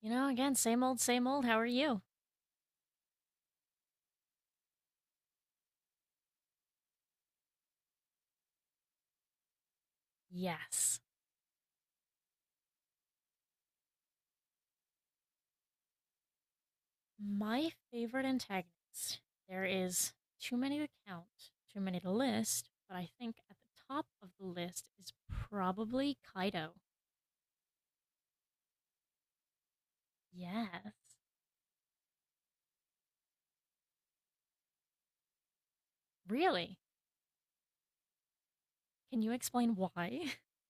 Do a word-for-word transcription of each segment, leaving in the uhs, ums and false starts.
You know, again, same old, same old. How are you? Yes. My favorite antagonist. There is too many to count, too many to list, but I think at the top of the list is probably Kaido. Yes. Really? Can you explain why?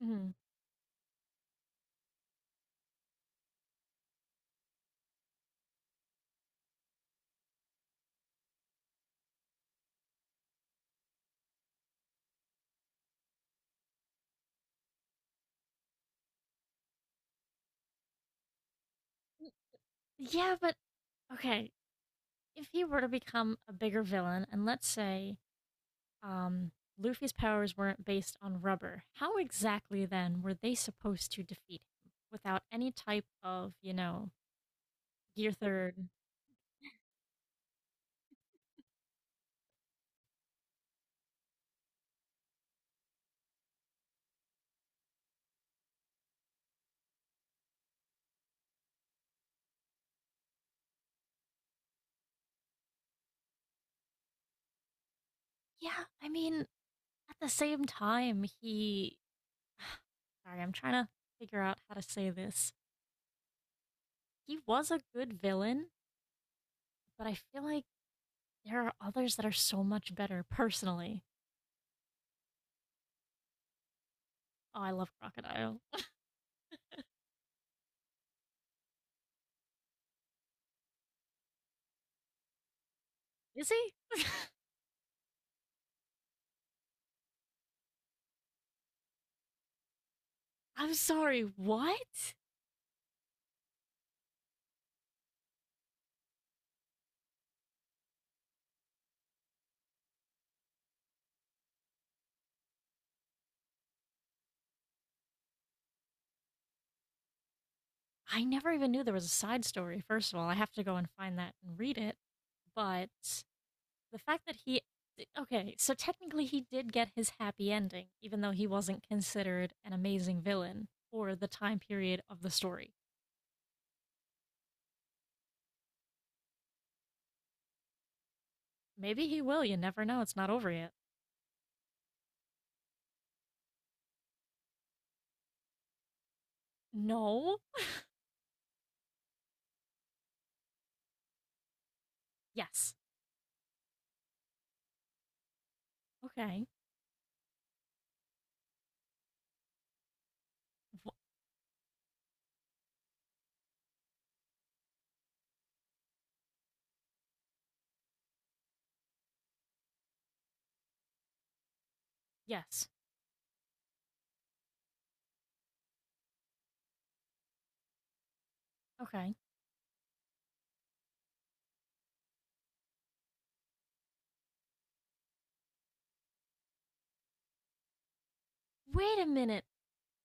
Mhm. yeah, but okay. If he were to become a bigger villain, and let's say um, Luffy's powers weren't based on rubber. How exactly then were they supposed to defeat him without any type of, you know, gear third? Yeah, I mean, at the same time, he Sorry, I'm trying to figure out how to say this. He was a good villain, but I feel like there are others that are so much better personally. Oh, I love Crocodile. Is he? I'm sorry, what? I never even knew there was a side story. First of all, I have to go and find that and read it. But the fact that he, okay, so technically he did get his happy ending, even though he wasn't considered an amazing villain for the time period of the story. Maybe he will, you never know, it's not over yet. No. Yes. Okay. Wh- yes. Okay. Wait a minute.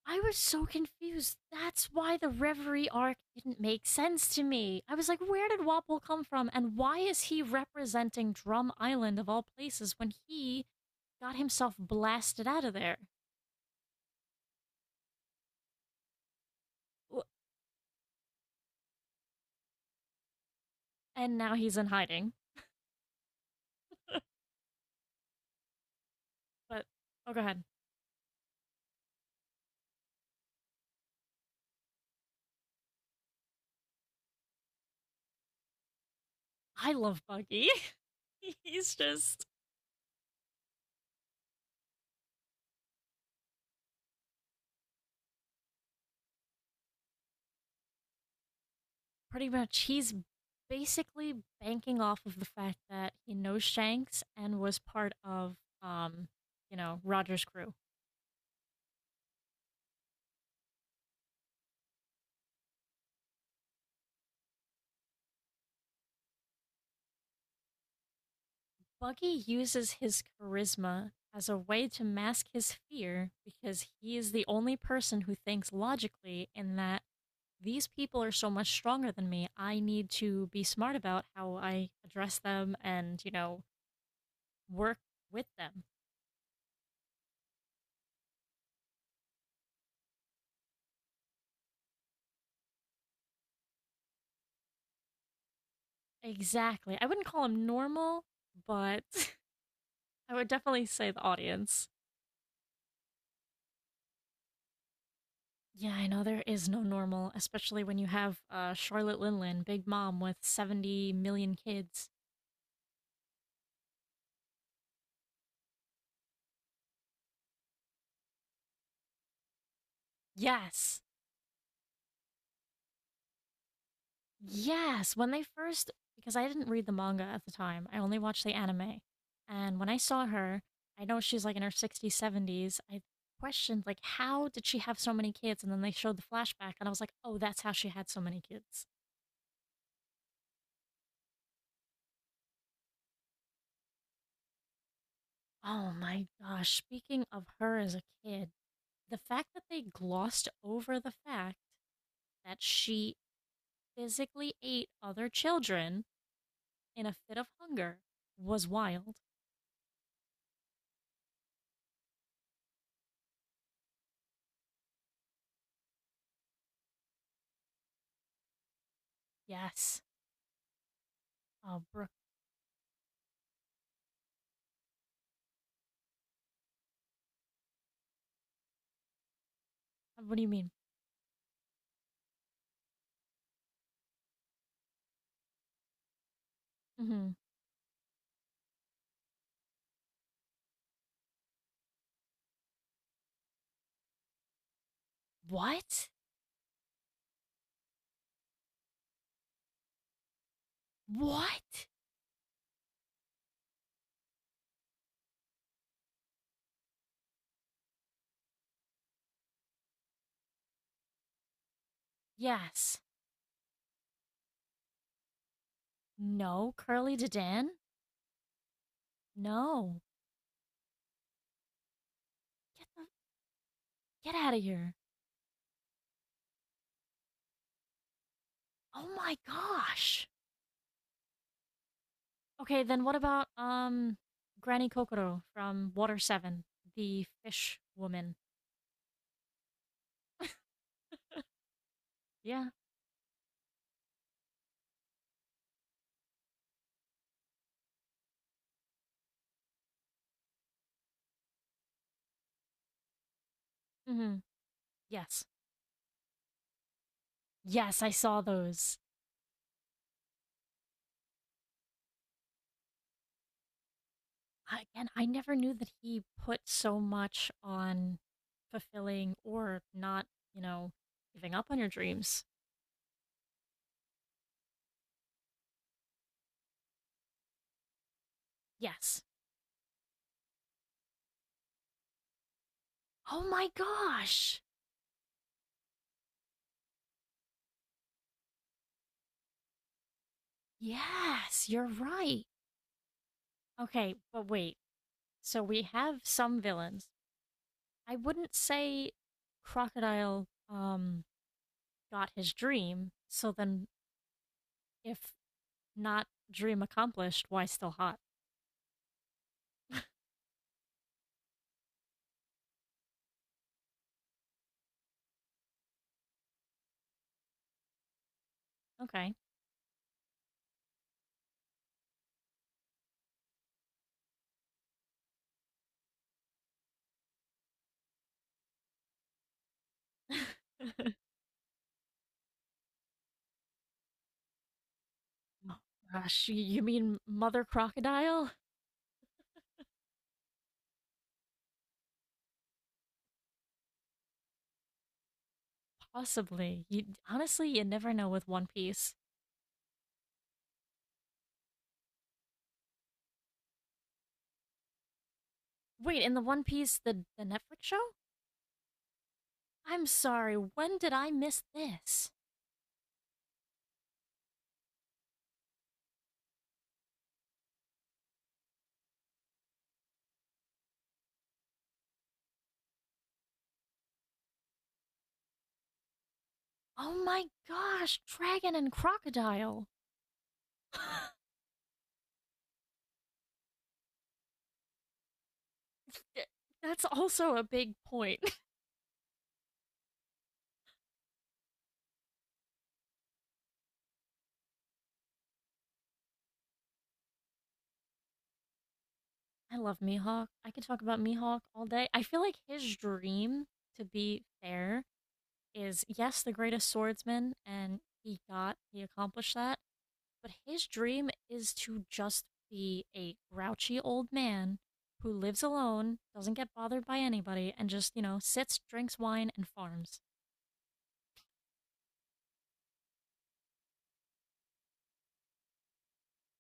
I was so confused. That's why the Reverie arc didn't make sense to me. I was like, where did Wapple come from? And why is he representing Drum Island of all places when he got himself blasted out of there? W- And now he's in hiding. But, oh, go ahead. I love Buggy. he's just Pretty much, he's basically banking off of the fact that he knows Shanks and was part of, um, you know, Roger's crew. Buggy uses his charisma as a way to mask his fear because he is the only person who thinks logically in that these people are so much stronger than me. I need to be smart about how I address them and, you know, work with them. Exactly. I wouldn't call him normal, but I would definitely say the audience. Yeah, I know there is no normal, especially when you have uh, Charlotte Linlin, Big Mom, with seventy million kids. Yes, yes. When they first, because I didn't read the manga at the time, I only watched the anime. And when I saw her, I know she's like in her sixties, seventies. I questioned, like, how did she have so many kids? And then they showed the flashback, and I was like, oh, that's how she had so many kids. Oh my gosh. Speaking of her as a kid, the fact that they glossed over the fact that she physically ate other children in a fit of hunger was wild. Yes. Oh, Brooke, what do you mean? Hmm. What? What? Yes. No, Curly Dedan? No. Get the get out of here. Oh my gosh. Okay, then what about um Granny Kokoro from Water seven, the fish woman? Yeah. Mhm. Yes. Yes, I saw those. I- and I never knew that he put so much on fulfilling or not, you know, giving up on your dreams. Yes. Oh my gosh. Yes, you're right. Okay, but wait. So we have some villains. I wouldn't say Crocodile um got his dream, so then if not dream accomplished, why still hot? Okay. Oh, gosh, you you mean Mother Crocodile? Possibly. You honestly, you never know with One Piece. Wait, in the One Piece, the the Netflix show? I'm sorry, when did I miss this? Oh my gosh, Dragon and Crocodile. That's also a big point. I love Mihawk. I could talk about Mihawk all day. I feel like his dream, to be fair, is yes, the greatest swordsman, and he got, he accomplished that. But his dream is to just be a grouchy old man who lives alone, doesn't get bothered by anybody, and just, you know, sits, drinks wine, and farms.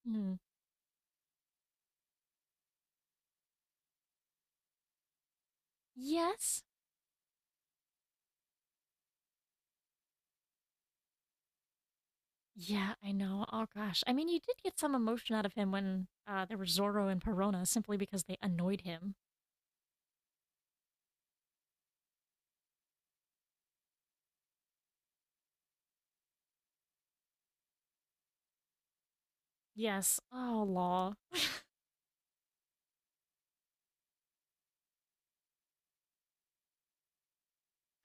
Hmm. Yes. Yeah, I know. Oh, gosh. I mean, you did get some emotion out of him when uh, there were Zorro and Perona simply because they annoyed him. Yes. Oh, law.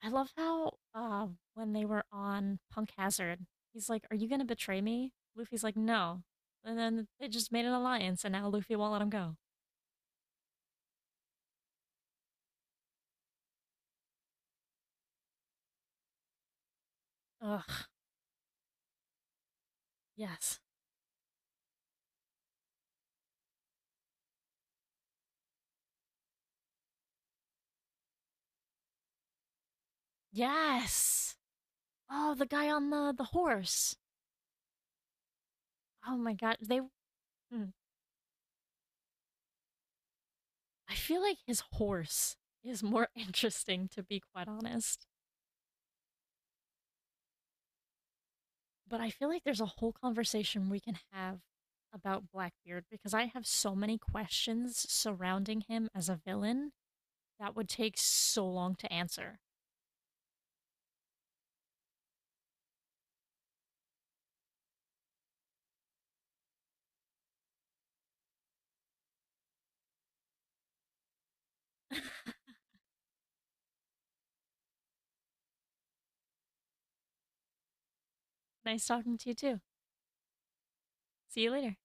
I love how uh, when they were on Punk Hazard, he's like, "Are you going to betray me?" Luffy's like, "No." And then they just made an alliance, and now Luffy won't let him go. Ugh. Yes. Yes. Oh, the guy on the the horse. Oh my god. They. Mm. I feel like his horse is more interesting, to be quite honest. But I feel like there's a whole conversation we can have about Blackbeard because I have so many questions surrounding him as a villain that would take so long to answer. Nice talking to you too. See you later.